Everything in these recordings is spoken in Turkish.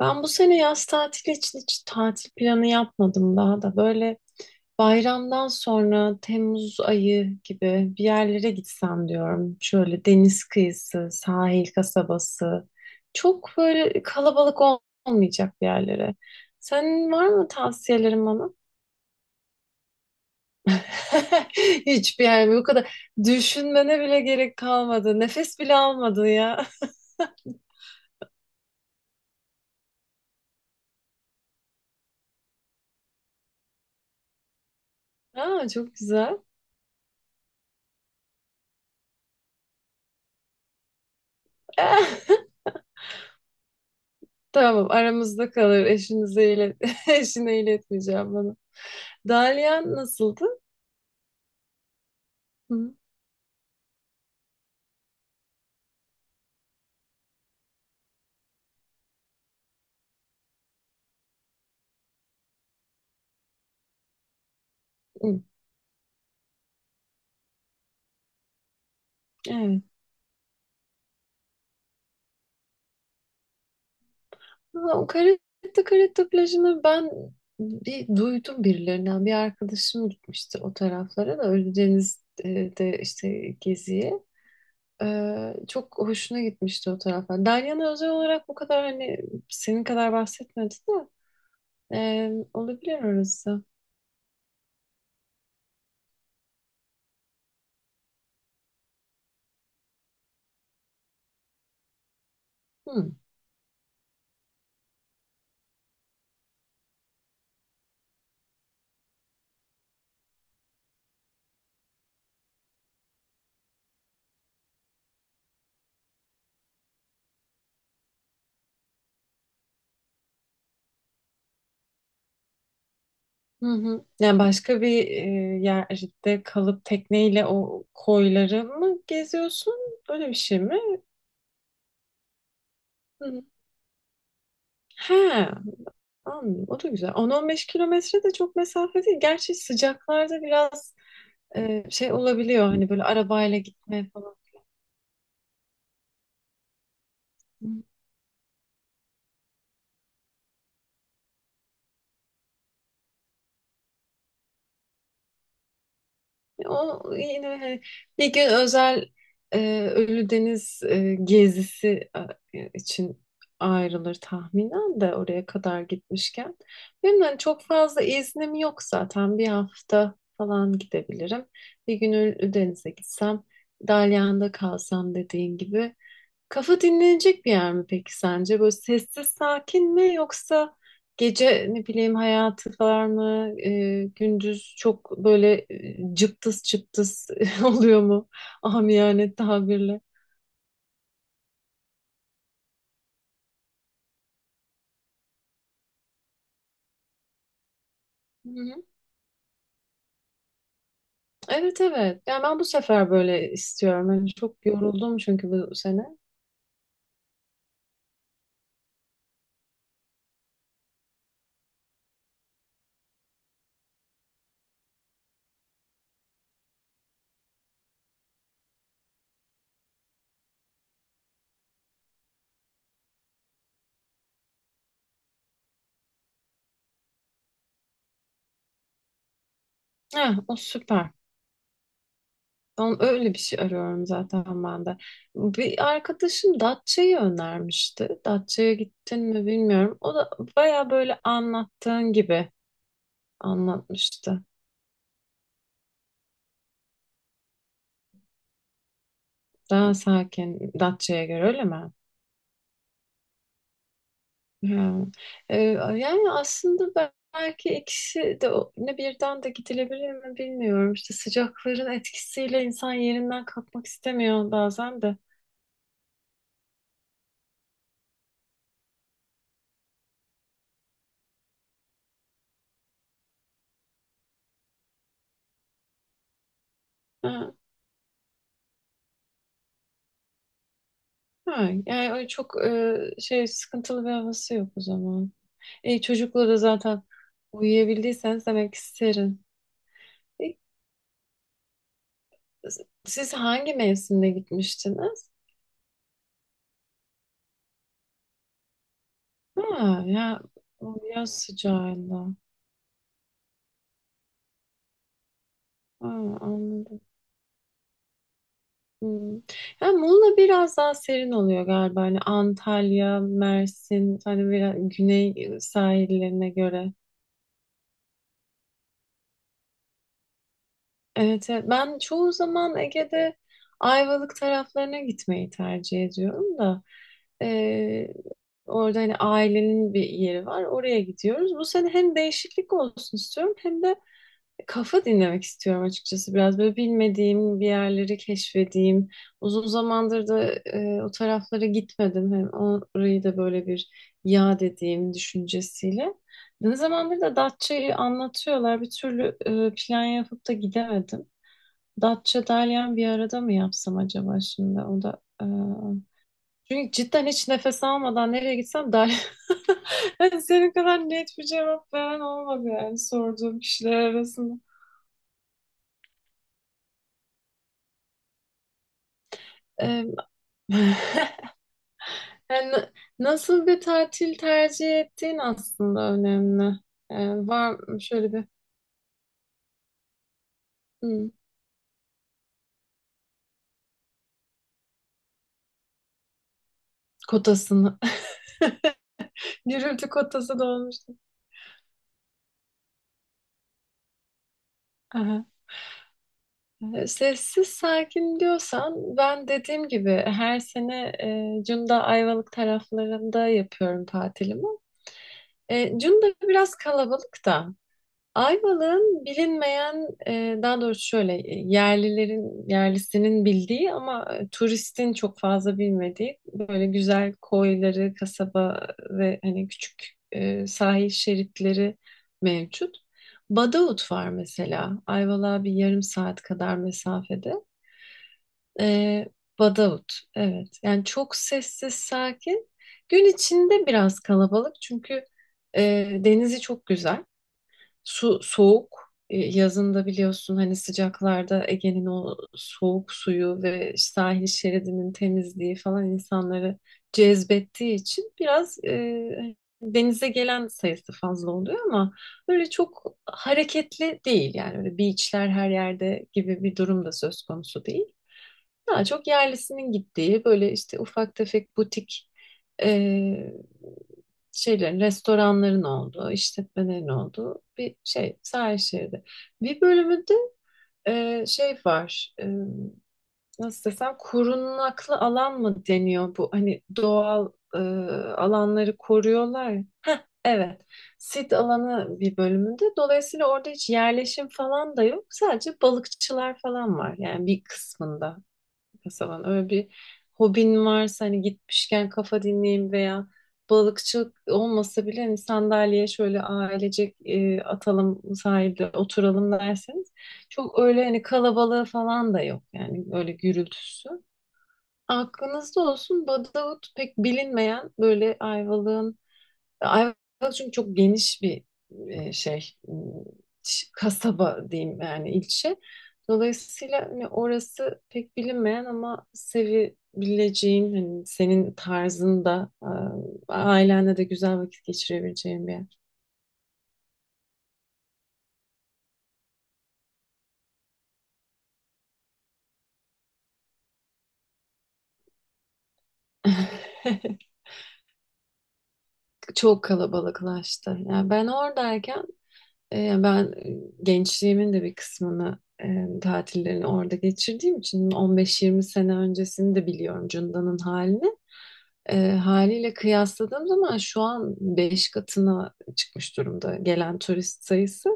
Ben bu sene yaz tatili için hiç tatil planı yapmadım daha da. Böyle bayramdan sonra Temmuz ayı gibi bir yerlere gitsem diyorum. Şöyle deniz kıyısı, sahil kasabası. Çok böyle kalabalık olmayacak bir yerlere. Senin var mı tavsiyelerin bana? Hiçbir yer mi? Bu kadar düşünmene bile gerek kalmadı. Nefes bile almadın ya. Aa, çok güzel. Tamam, aramızda kalır. Eşinize ilet eşine iletmeyeceğim bana. Dalyan nasıldı? Hı, hı, evet. Ama o Caretta Caretta plajını ben bir duydum birilerinden. Bir arkadaşım gitmişti o taraflara da, Ölüdeniz'de işte geziye. Çok hoşuna gitmişti o taraflar. Dalyan'a özel olarak bu kadar hani senin kadar bahsetmedi de olabilir orası. Hı. Hı hı. Yani başka bir yerde kalıp tekneyle o koyları mı geziyorsun? Öyle bir şey mi? Hı hı. He, anladım. O da güzel. 10-15 kilometre de çok mesafe değil. Gerçi sıcaklarda biraz şey olabiliyor. Hani böyle arabayla gitme falan. O yine hani bir gün özel Ölüdeniz gezisi için ayrılır tahminen de oraya kadar gitmişken. Benim hani çok fazla iznim yok zaten. Bir hafta falan gidebilirim. Bir gün Ölüdeniz'e gitsem, Dalyan'da kalsam dediğin gibi. Kafa dinlenecek bir yer mi peki sence? Böyle sessiz sakin mi, yoksa gece ne bileyim hayatı var mı? Gündüz çok böyle cıptız cıptız oluyor mu? Amiyane tabirle. Hı hı. Evet, evet. Yani ben bu sefer böyle istiyorum. Yani çok yoruldum çünkü bu sene. Ha, o süper. Ben öyle bir şey arıyorum zaten ben de. Bir arkadaşım Datça'yı önermişti. Datça'ya gittin mi bilmiyorum. O da baya böyle anlattığın gibi anlatmıştı. Daha sakin Datça'ya göre, öyle mi? Ha. Ee, yani aslında belki ikisi de ne birden de gidilebilir mi bilmiyorum. İşte sıcakların etkisiyle insan yerinden kalkmak istemiyor bazen de. Ha. Ha. Yani öyle çok şey, sıkıntılı bir havası yok o zaman. Çocuklara zaten uyuyabildiyseniz demek ki serin. E, siz hangi mevsimde gitmiştiniz? Ha, ya o yaz sıcağında. Ha, anladım. Hmm. Ya Muğla biraz daha serin oluyor galiba. Hani Antalya, Mersin, hani biraz güney sahillerine göre. Evet, evet. Ben çoğu zaman Ege'de Ayvalık taraflarına gitmeyi tercih ediyorum da e, orada hani ailenin bir yeri var, oraya gidiyoruz. Bu sene hem değişiklik olsun istiyorum, hem de kafa dinlemek istiyorum. Açıkçası biraz böyle bilmediğim bir yerleri keşfedeyim. Uzun zamandır da o taraflara gitmedim, hem orayı da böyle bir yad edeyim düşüncesiyle. Ne zamandır da Datça'yı anlatıyorlar, bir türlü plan yapıp da gidemedim. Datça Dalyan bir arada mı yapsam acaba şimdi? O da çünkü cidden hiç nefes almadan nereye gitsem Dalyan. Yani senin kadar net bir cevap veren olmadı yani sorduğum kişiler arasında. E, yani nasıl bir tatil tercih ettiğin aslında önemli. Var mı şöyle bir hmm, kotasını. Gürültü kotası da olmuştu. Sessiz sakin diyorsan, ben dediğim gibi her sene Cunda Ayvalık taraflarında yapıyorum tatilimi. Cunda biraz kalabalık da. Ayvalık'ın bilinmeyen, daha doğrusu şöyle yerlilerin, yerlisinin bildiği ama turistin çok fazla bilmediği böyle güzel koyları, kasaba ve hani küçük sahil şeritleri mevcut. Badavut var mesela. Ayvalık'a bir yarım saat kadar mesafede. E, Badavut, evet. Yani çok sessiz, sakin. Gün içinde biraz kalabalık çünkü e, denizi çok güzel. Su soğuk. Yazında biliyorsun, hani sıcaklarda Ege'nin o soğuk suyu ve sahil şeridinin temizliği falan insanları cezbettiği için biraz hani denize gelen sayısı fazla oluyor ama öyle çok hareketli değil. Yani öyle beachler her yerde gibi bir durum da söz konusu değil. Daha çok yerlisinin gittiği böyle işte ufak tefek butik e, şeylerin, restoranların olduğu, işletmelerin olduğu bir şey sahil şeridi. Bir bölümünde şey var, nasıl desem, korunaklı alan mı deniyor bu? Hani doğal alanları koruyorlar ya. Evet, sit alanı bir bölümünde. Dolayısıyla orada hiç yerleşim falan da yok. Sadece balıkçılar falan var yani bir kısmında falan. Öyle bir hobin varsa hani gitmişken kafa dinleyeyim, veya balıkçılık olmasa bile hani sandalyeye şöyle ailecek atalım sahilde oturalım derseniz, çok öyle hani kalabalığı falan da yok yani, öyle gürültüsü. Aklınızda olsun Badavut, pek bilinmeyen böyle Ayvalık'ın. Ayvalık çünkü çok geniş bir şey kasaba diyeyim yani, ilçe. Dolayısıyla hani orası pek bilinmeyen ama sevebileceğin, hani senin tarzında ailenle de güzel vakit geçirebileceğin bir yer. Çok kalabalıklaştı. Yani ben oradayken ben gençliğimin de bir kısmını, tatillerini orada geçirdiğim için 15-20 sene öncesini de biliyorum Cunda'nın halini. Haliyle kıyasladığım zaman şu an 5 katına çıkmış durumda gelen turist sayısı.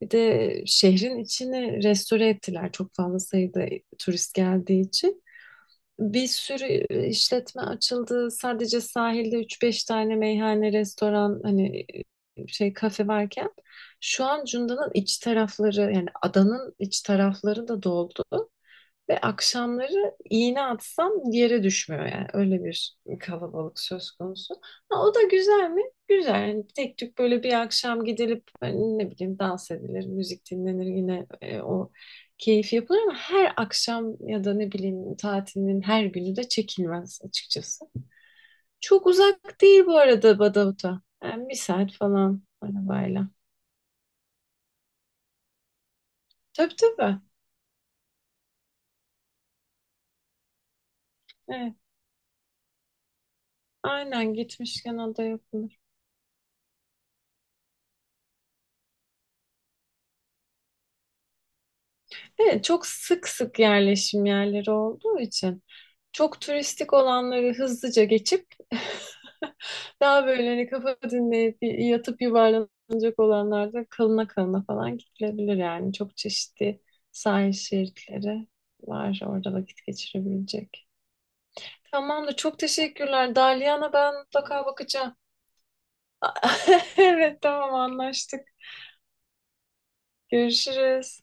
Bir de şehrin içini restore ettiler çok fazla sayıda turist geldiği için. Bir sürü işletme açıldı. Sadece sahilde üç beş tane meyhane, restoran, hani şey kafe varken şu an Cunda'nın iç tarafları, yani adanın iç tarafları da doldu. Ve akşamları iğne atsam yere düşmüyor yani. Öyle bir kalabalık söz konusu. Ha, o da güzel mi? Güzel. Yani tek tük böyle bir akşam gidilip hani ne bileyim dans edilir, müzik dinlenir, yine o keyif yapılır, ama her akşam ya da ne bileyim tatilin her günü de çekilmez açıkçası. Çok uzak değil bu arada Badavut'a. Yani bir saat falan arabayla. Tabii, tabii. Evet. Aynen, gitmişken o da yapılır. Evet, çok sık sık yerleşim yerleri olduğu için çok turistik olanları hızlıca geçip daha böyle hani kafa dinleyip yatıp yuvarlanacak olanlarda kalına kalına falan gidilebilir yani. Çok çeşitli sahil şeritleri var orada vakit geçirebilecek. Tamam da, çok teşekkürler. Dalyan'a ben mutlaka bakacağım. Evet, tamam, anlaştık. Görüşürüz.